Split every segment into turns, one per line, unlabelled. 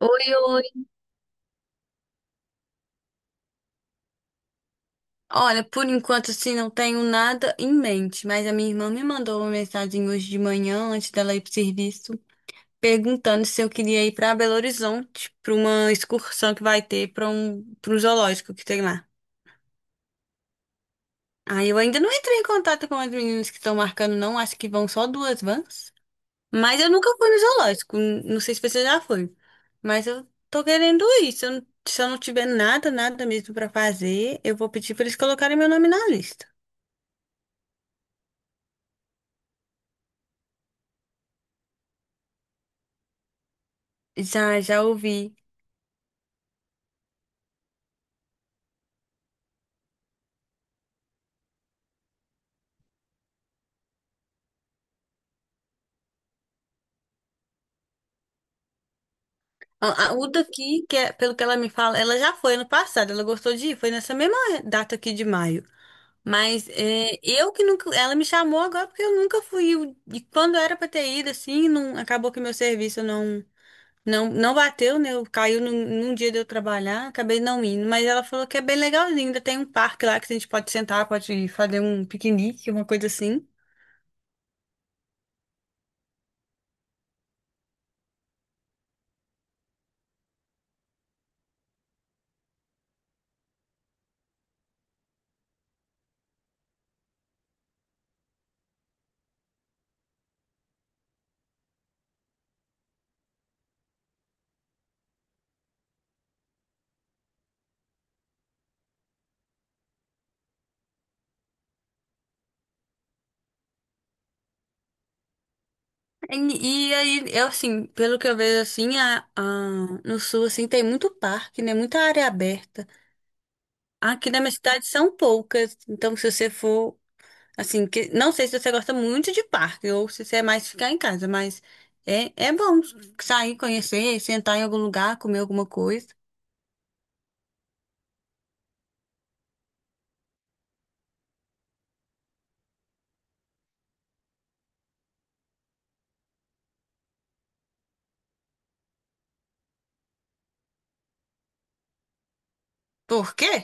Oi, oi. Olha, por enquanto assim não tenho nada em mente, mas a minha irmã me mandou uma mensagem hoje de manhã, antes dela ir pro serviço, perguntando se eu queria ir pra Belo Horizonte, pra uma excursão que vai ter para pro zoológico que tem lá. Aí eu ainda não entrei em contato com as meninas que estão marcando, não, acho que vão só duas vans. Mas eu nunca fui no zoológico, não sei se você já foi, mas eu tô querendo ir. Se eu não tiver nada, nada mesmo pra fazer, eu vou pedir pra eles colocarem meu nome na lista. Já, já ouvi. O daqui, que é, pelo que ela me fala, ela já foi ano passado, ela gostou de ir, foi nessa mesma data aqui de maio. Mas é, eu que nunca. Ela me chamou agora porque eu nunca fui. E quando era pra ter ido, assim, não, acabou que meu serviço não, não bateu, né? Caiu num dia de eu trabalhar, acabei não indo. Mas ela falou que é bem legalzinho, ainda tem um parque lá que a gente pode sentar, pode fazer um piquenique, uma coisa assim. E aí, eu assim, pelo que eu vejo assim, no sul assim tem muito parque, né? Muita área aberta. Aqui na minha cidade são poucas. Então, se você for. Assim, que não sei se você gosta muito de parque ou se você é mais ficar em casa, mas é bom sair, conhecer, sentar em algum lugar, comer alguma coisa. Por quê?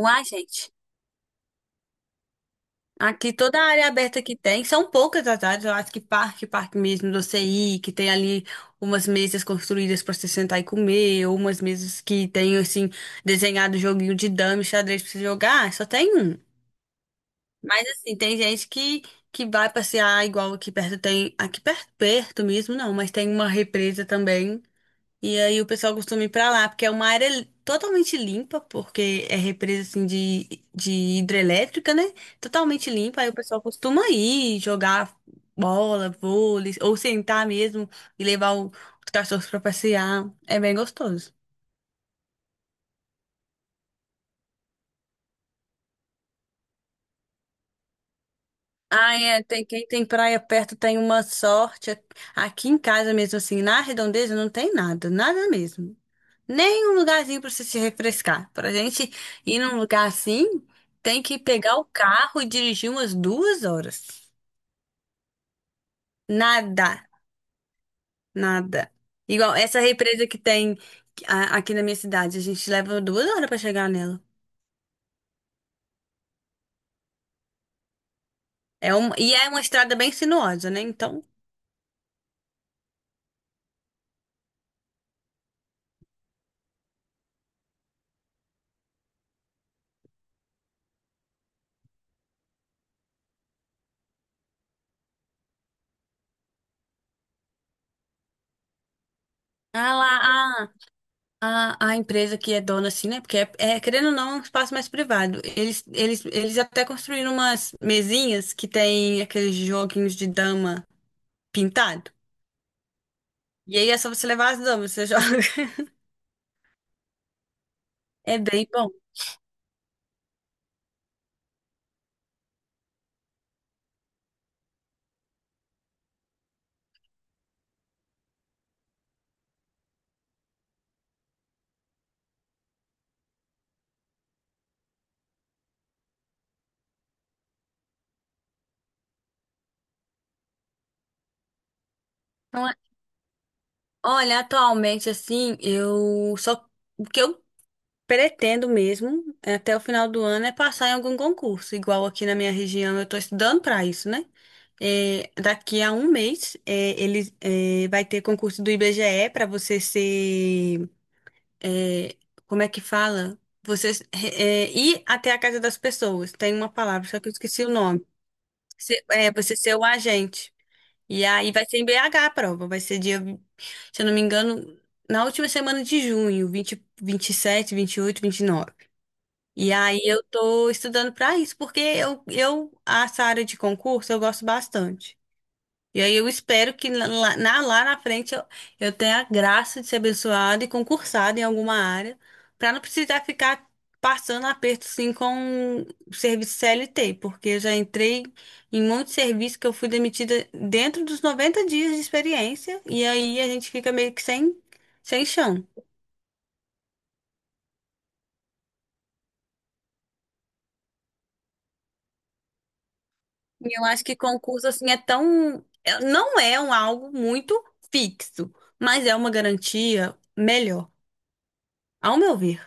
Uai, gente. Aqui toda a área aberta que tem, são poucas as áreas, eu acho que parque, parque mesmo do CI, que tem ali umas mesas construídas para você sentar e comer, ou umas mesas que tem assim desenhado joguinho de dama e xadrez para você jogar, só tem um. Mas assim, tem gente que vai passear igual aqui perto tem, aqui perto, perto mesmo não, mas tem uma represa também. E aí o pessoal costuma ir pra lá, porque é uma área totalmente limpa, porque é represa assim de hidrelétrica, né? Totalmente limpa, aí o pessoal costuma ir jogar bola, vôlei, ou sentar mesmo e levar os cachorros pra passear. É bem gostoso. Ah, é, tem, quem tem praia perto tem uma sorte. Aqui em casa mesmo, assim, na redondeza não tem nada, nada mesmo. Nem um lugarzinho pra você se refrescar. Pra gente ir num lugar assim, tem que pegar o carro e dirigir umas duas horas. Nada, nada. Igual essa represa que tem aqui na minha cidade, a gente leva duas horas pra chegar nela. É uma, e é uma estrada bem sinuosa, né? Então, ah lá, A, a empresa que é dona, assim, né? Porque, é, querendo ou não, é um espaço mais privado. Eles até construíram umas mesinhas que tem aqueles joguinhos de dama pintado. E aí é só você levar as damas, você joga. É bem bom. Então, é- Olha, atualmente, assim, eu só. Porque eu pretendo mesmo, até o final do ano, é passar em algum concurso, igual aqui na minha região, eu estou estudando para isso, né? É, daqui a um mês, vai ter concurso do IBGE para você ser, é, como é que fala? Você é, ir até a casa das pessoas. Tem uma palavra, só que eu esqueci o nome. É, você ser o agente. E aí vai ser em BH a prova, vai ser dia, se eu não me engano, na última semana de junho, vinte, vinte, vinte e sete, vinte e oito, vinte e nove, e aí eu tô estudando para isso, porque eu essa área de concurso eu gosto bastante. E aí eu espero que lá, lá na frente eu tenha a graça de ser abençoada e concursada em alguma área, para não precisar ficar passando aperto assim com serviço CLT, porque eu já entrei em muito serviço que eu fui demitida dentro dos 90 dias de experiência, e aí a gente fica meio que sem, sem chão. E eu acho que concurso assim é tão, não é um algo muito fixo, mas é uma garantia melhor, ao meu ver.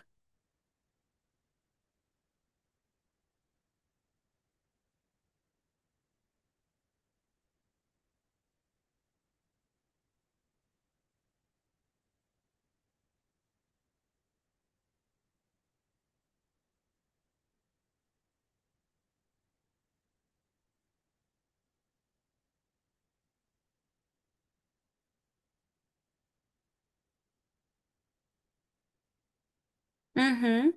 Uhum.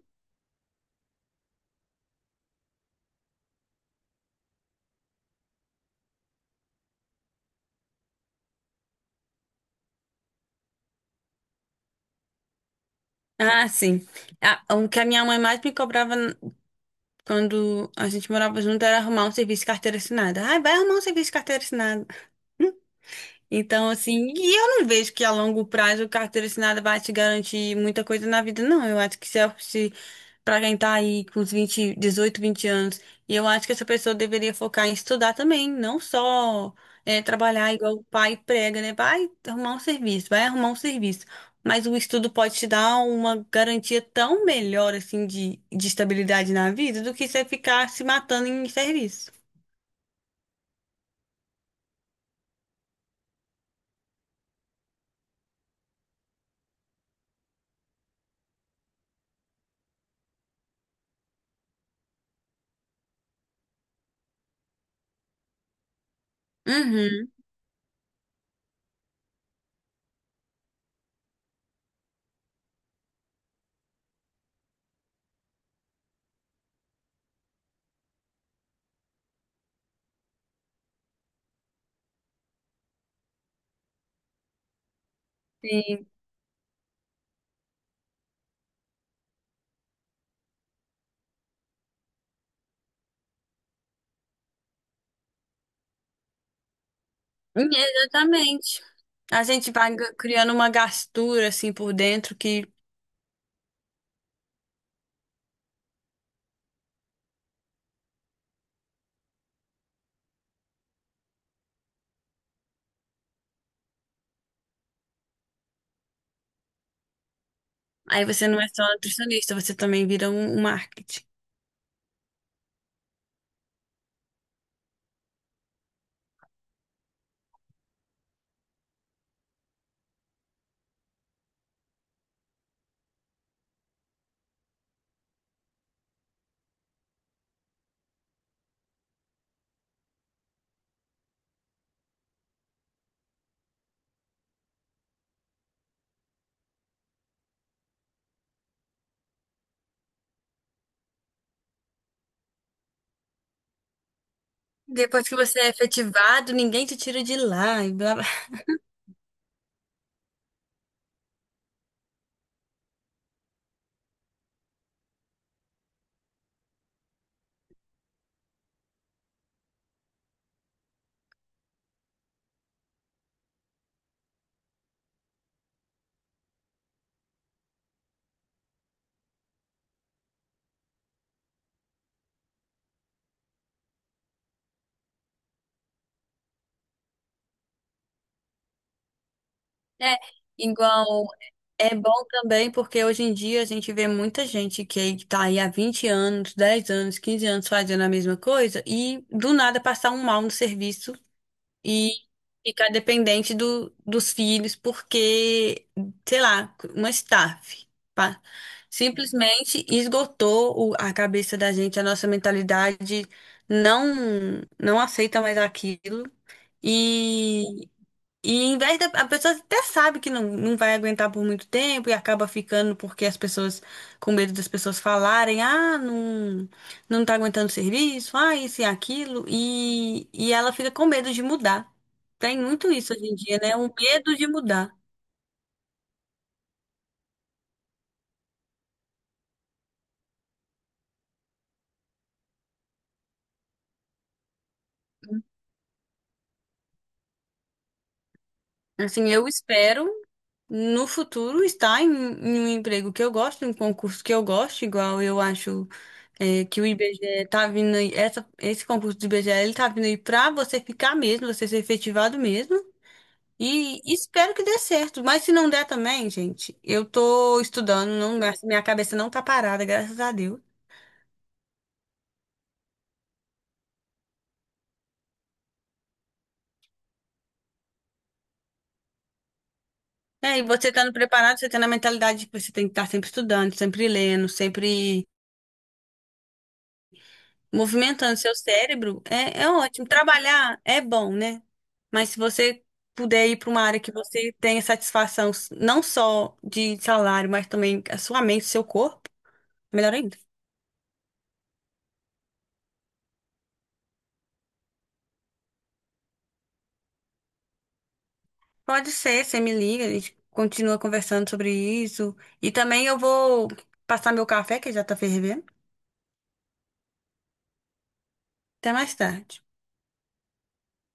Ah, sim. Ah, o que a minha mãe mais me cobrava quando a gente morava junto era arrumar um serviço de carteira assinada. Ai, vai arrumar um serviço de carteira assinada. Então, assim, e eu não vejo que a longo prazo o carteira assinada vai te garantir muita coisa na vida, não. Eu acho que se para quem tá aí com os 20, 18, 20 anos, e eu acho que essa pessoa deveria focar em estudar também, não só é, trabalhar igual o pai prega, né? Vai arrumar um serviço, vai arrumar um serviço. Mas o estudo pode te dar uma garantia tão melhor, assim, de estabilidade na vida do que você ficar se matando em serviço. Uhum. Sim. Exatamente. A gente vai criando uma gastura assim por dentro que aí você não é só nutricionista, você também vira um marketing. Depois que você é efetivado, ninguém te tira de lá e blá blá. É igual é bom também porque hoje em dia a gente vê muita gente que aí tá aí há 20 anos, 10 anos, 15 anos fazendo a mesma coisa e do nada passar um mal no serviço e ficar dependente dos filhos, porque, sei lá, uma staff, pá. Simplesmente esgotou a cabeça da gente, a nossa mentalidade não aceita mais aquilo. E e em vez da, a pessoa até sabe que não, não vai aguentar por muito tempo e acaba ficando porque as pessoas, com medo das pessoas falarem, ah, não, não tá aguentando o serviço, ah, isso e aquilo, e ela fica com medo de mudar. Tem muito isso hoje em dia, né? Um medo de mudar. Assim, eu espero no futuro estar em um emprego que eu gosto, em um concurso que eu gosto, igual eu acho é, que o IBGE tá vindo aí, esse concurso do IBGE, ele tá vindo aí pra você ficar mesmo, você ser efetivado mesmo. E espero que dê certo. Mas se não der também, gente, eu tô estudando, não, minha cabeça não tá parada, graças a Deus. É, e você estando preparado, você tendo a mentalidade de que você tem que estar sempre estudando, sempre lendo, sempre movimentando seu cérebro é ótimo. Trabalhar é bom, né? Mas se você puder ir para uma área que você tenha satisfação, não só de salário, mas também a sua mente, seu corpo, melhor ainda. Pode ser, você me liga, a gente continua conversando sobre isso. E também eu vou passar meu café, que já tá fervendo. Até mais tarde.